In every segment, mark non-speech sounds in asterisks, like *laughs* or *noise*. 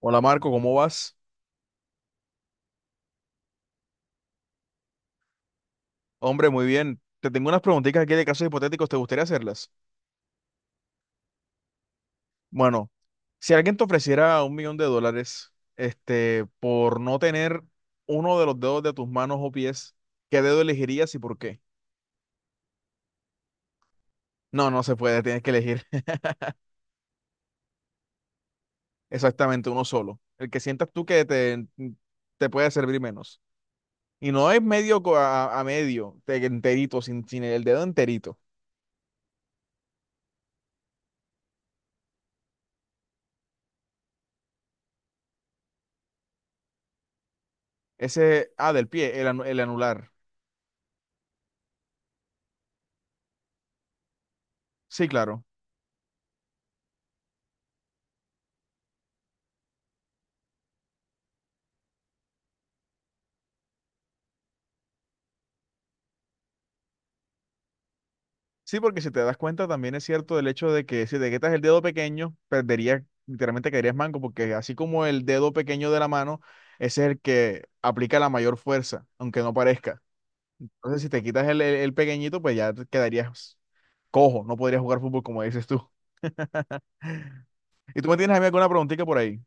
Hola Marco, ¿cómo vas? Hombre, muy bien. Te tengo unas preguntitas aquí de casos hipotéticos, ¿te gustaría hacerlas? Bueno, si alguien te ofreciera un millón de dólares, este, por no tener uno de los dedos de tus manos o pies, ¿qué dedo elegirías y por qué? No, no se puede, tienes que elegir *laughs* exactamente uno solo. El que sientas tú que te puede servir menos. Y no es medio a medio, enterito, sin el dedo enterito. Ese, ah, del pie, el anular. Sí, claro. Sí, porque si te das cuenta, también es cierto el hecho de que si te quitas el dedo pequeño, perderías, literalmente caerías manco, porque así como el dedo pequeño de la mano ese es el que aplica la mayor fuerza, aunque no parezca. Entonces, si te quitas el pequeñito, pues ya te quedarías cojo, no podrías jugar fútbol como dices tú. ¿Y tú me tienes a mí alguna preguntita por ahí?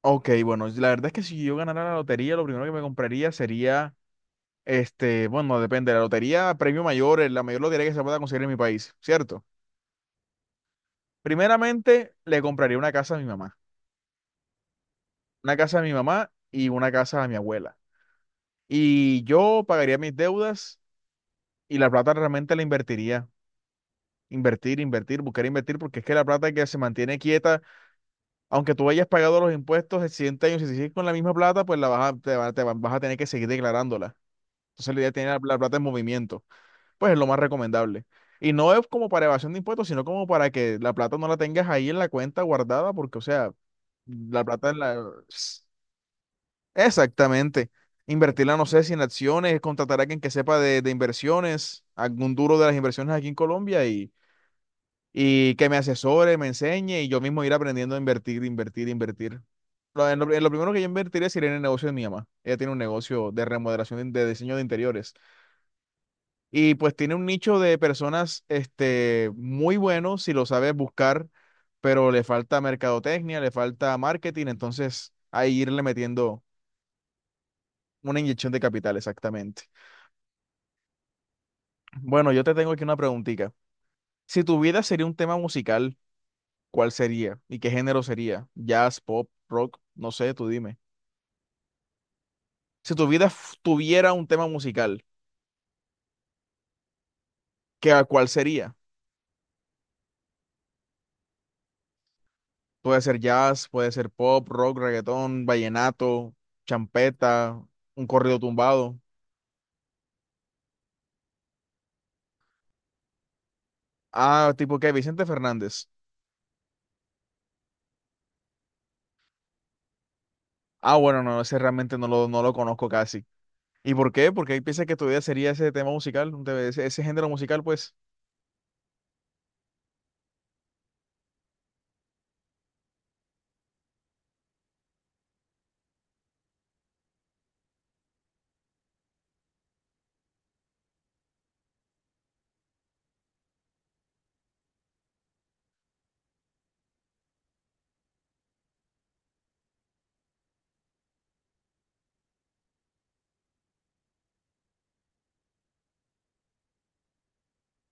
Ok, bueno, la verdad es que si yo ganara la lotería, lo primero que me compraría sería, este, bueno, depende, la lotería, premio mayor, la mayor lotería que se pueda conseguir en mi país, ¿cierto? Primeramente, le compraría una casa a mi mamá. Una casa a mi mamá y una casa a mi abuela. Y yo pagaría mis deudas y la plata realmente la invertiría. Invertir, invertir, buscar invertir, porque es que la plata que se mantiene quieta, aunque tú hayas pagado los impuestos de siguiente año, si sigues con la misma plata, pues vas a tener que seguir declarándola. Entonces la idea es tener la plata en movimiento. Pues es lo más recomendable. Y no es como para evasión de impuestos, sino como para que la plata no la tengas ahí en la cuenta guardada, porque, o sea, la plata en la. Exactamente. Invertirla, no sé si en acciones, contratar a alguien que sepa de inversiones, algún duro de las inversiones aquí en Colombia y que me asesore, me enseñe y yo mismo ir aprendiendo a invertir, invertir, invertir. En lo primero que yo invertiría sería en el negocio de mi mamá. Ella tiene un negocio de remodelación de diseño de interiores y pues tiene un nicho de personas muy bueno si lo sabes buscar, pero le falta mercadotecnia, le falta marketing, entonces ahí irle metiendo una inyección de capital, exactamente. Bueno, yo te tengo aquí una preguntita. Si tu vida sería un tema musical, ¿cuál sería? ¿Y qué género sería? ¿Jazz, pop, rock? No sé, tú dime. Si tu vida tuviera un tema musical, cuál sería? Puede ser jazz, puede ser pop, rock, reggaetón, vallenato, champeta, un corrido tumbado. Ah, tipo qué, Vicente Fernández. Ah, bueno, no, ese realmente no lo conozco casi. ¿Y por qué? Porque piensas que tu vida sería ese tema musical, un te- ese ese género musical, pues.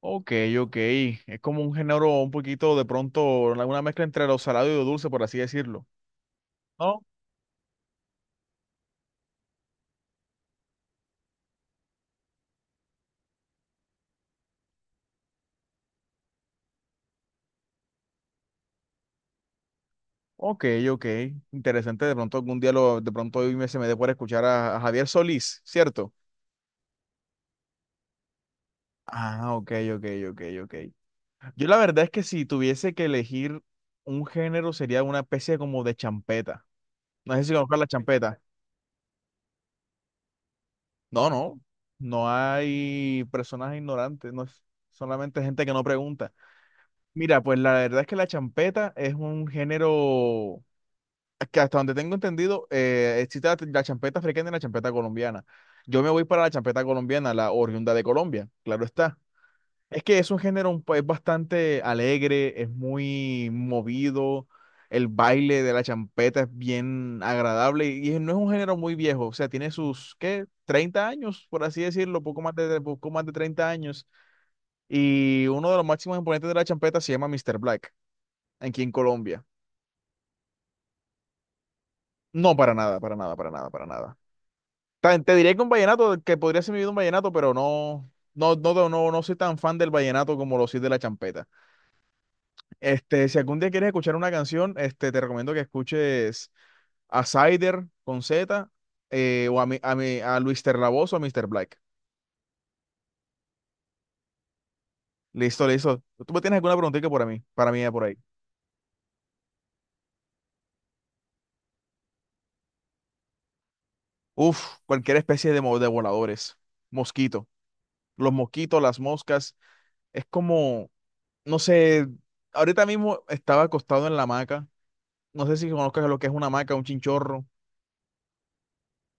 Ok, ok. Es como un género un poquito de pronto, una mezcla entre lo salado y lo dulce, por así decirlo. ¿No? Ok, ok. Interesante. De pronto algún día de pronto hoy se me dé por escuchar a Javier Solís, ¿cierto? Ah, ok, ok, ok, ok. Yo la verdad es que si tuviese que elegir un género sería una especie como de champeta. No sé si conozcas la champeta. No, no. No hay personas ignorantes, no es solamente gente que no pregunta. Mira, pues la verdad es que la champeta es un género que hasta donde tengo entendido, existe la champeta africana y la champeta colombiana. Yo me voy para la champeta colombiana, la oriunda de Colombia, claro está. Es que es un género es bastante alegre, es muy movido, el baile de la champeta es bien agradable y no es un género muy viejo, o sea, tiene sus, ¿qué? 30 años, por así decirlo, poco más de 30 años. Y uno de los máximos exponentes de la champeta se llama Mr. Black aquí en Colombia. No, para nada, para nada, para nada, para nada. Te diré que un vallenato, que podría ser mi vida un vallenato, pero no, no, no, no, no no soy tan fan del vallenato como lo soy de la champeta. Este, si algún día quieres escuchar una canción, este, te recomiendo que escuches a Cider con Z, o a Luis Terlavoz o a Mr. Black. Listo, listo. ¿Tú me tienes alguna preguntita para mí, por ahí? Uf, cualquier especie de voladores. Mosquito. Los mosquitos, las moscas. Es como. No sé, ahorita mismo estaba acostado en la hamaca. No sé si conozcas lo que es una hamaca, un chinchorro.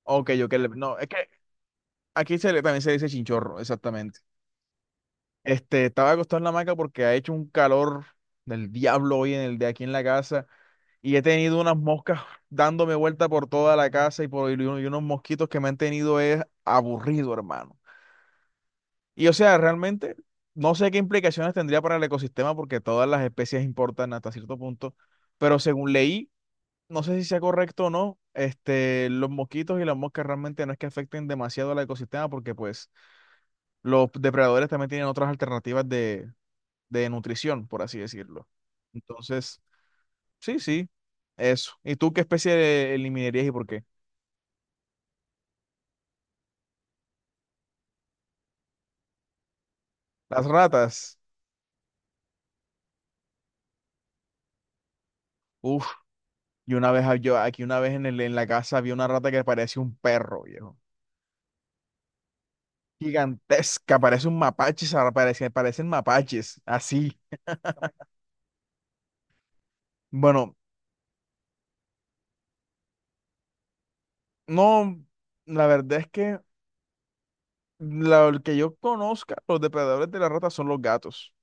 Ok, No, es que aquí se le, también se dice chinchorro, exactamente. Este, estaba acostado en la hamaca porque ha hecho un calor del diablo hoy en el de aquí en la casa y he tenido unas moscas dándome vuelta por toda la casa y unos mosquitos que me han tenido es aburrido, hermano. Y o sea, realmente no sé qué implicaciones tendría para el ecosistema porque todas las especies importan hasta cierto punto, pero según leí no sé si sea correcto o no, este, los mosquitos y las moscas realmente no es que afecten demasiado al ecosistema porque pues los depredadores también tienen otras alternativas de nutrición, por así decirlo. Entonces, sí, sí, eso. ¿Y tú qué especie eliminarías y por qué? Las ratas. Uf, y una vez yo aquí una vez en la casa vi una rata que parecía un perro, viejo. Gigantesca, parece un mapache, parecen mapaches, así. Bueno, no, la verdad es que el que yo conozca, los depredadores de la rata son los gatos.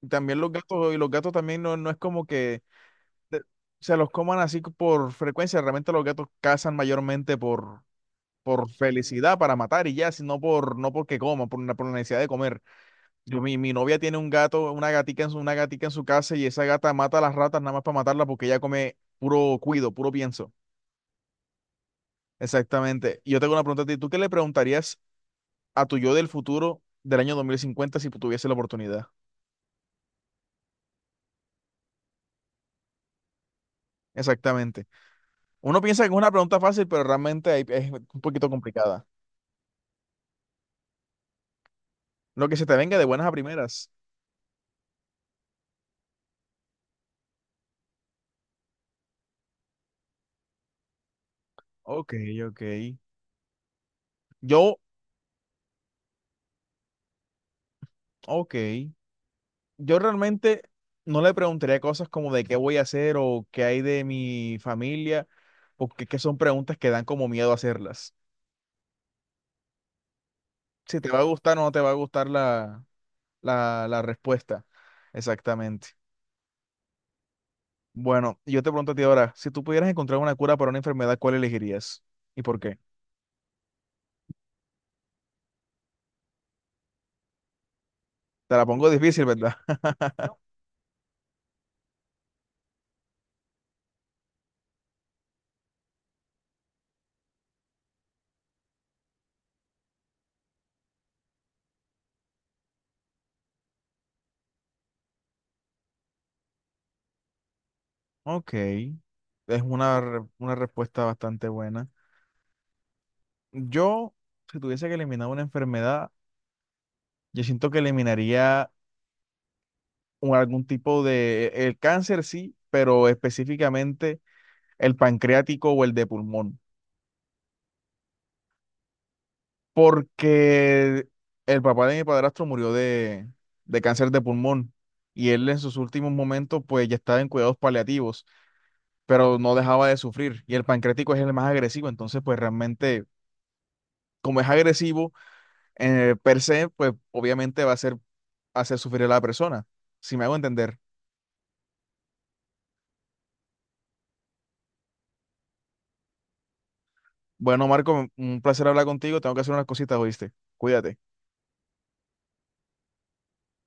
Y también los gatos, y los gatos también no, no es como que de- se los coman así por frecuencia. Realmente los gatos cazan mayormente por felicidad, para matar y ya, sino por, no porque coman, por la necesidad de comer. Mi novia tiene un gato, una gatica en su casa y esa gata mata a las ratas nada más para matarla porque ella come puro cuido, puro pienso. Exactamente. Y yo tengo una pregunta a ti. ¿Tú qué le preguntarías a tu yo del futuro del año 2050 si tuviese la oportunidad? Exactamente. Uno piensa que es una pregunta fácil, pero realmente es un poquito complicada. Lo que se te venga de buenas a primeras. Ok, ok. Yo, ok. Yo realmente no le preguntaría cosas como de qué voy a hacer o qué hay de mi familia, porque es que son preguntas que dan como miedo hacerlas. Si te va a gustar o no te va a gustar la respuesta. Exactamente. Bueno, yo te pregunto a ti ahora, si tú pudieras encontrar una cura para una enfermedad, ¿cuál elegirías? ¿Y por qué? Te la pongo difícil, ¿verdad? Ok, es una respuesta bastante buena. Yo, si tuviese que eliminar una enfermedad, yo siento que eliminaría algún tipo de, el cáncer sí, pero específicamente el pancreático o el de pulmón, porque el papá de mi padrastro murió de cáncer de pulmón y él en sus últimos momentos pues ya estaba en cuidados paliativos, pero no dejaba de sufrir y el pancreático es el más agresivo, entonces pues realmente como es agresivo, per se, pues obviamente va a ser hacer sufrir a la persona, si me hago entender. Bueno, Marco, un placer hablar contigo, tengo que hacer unas cositas, ¿oíste? Cuídate.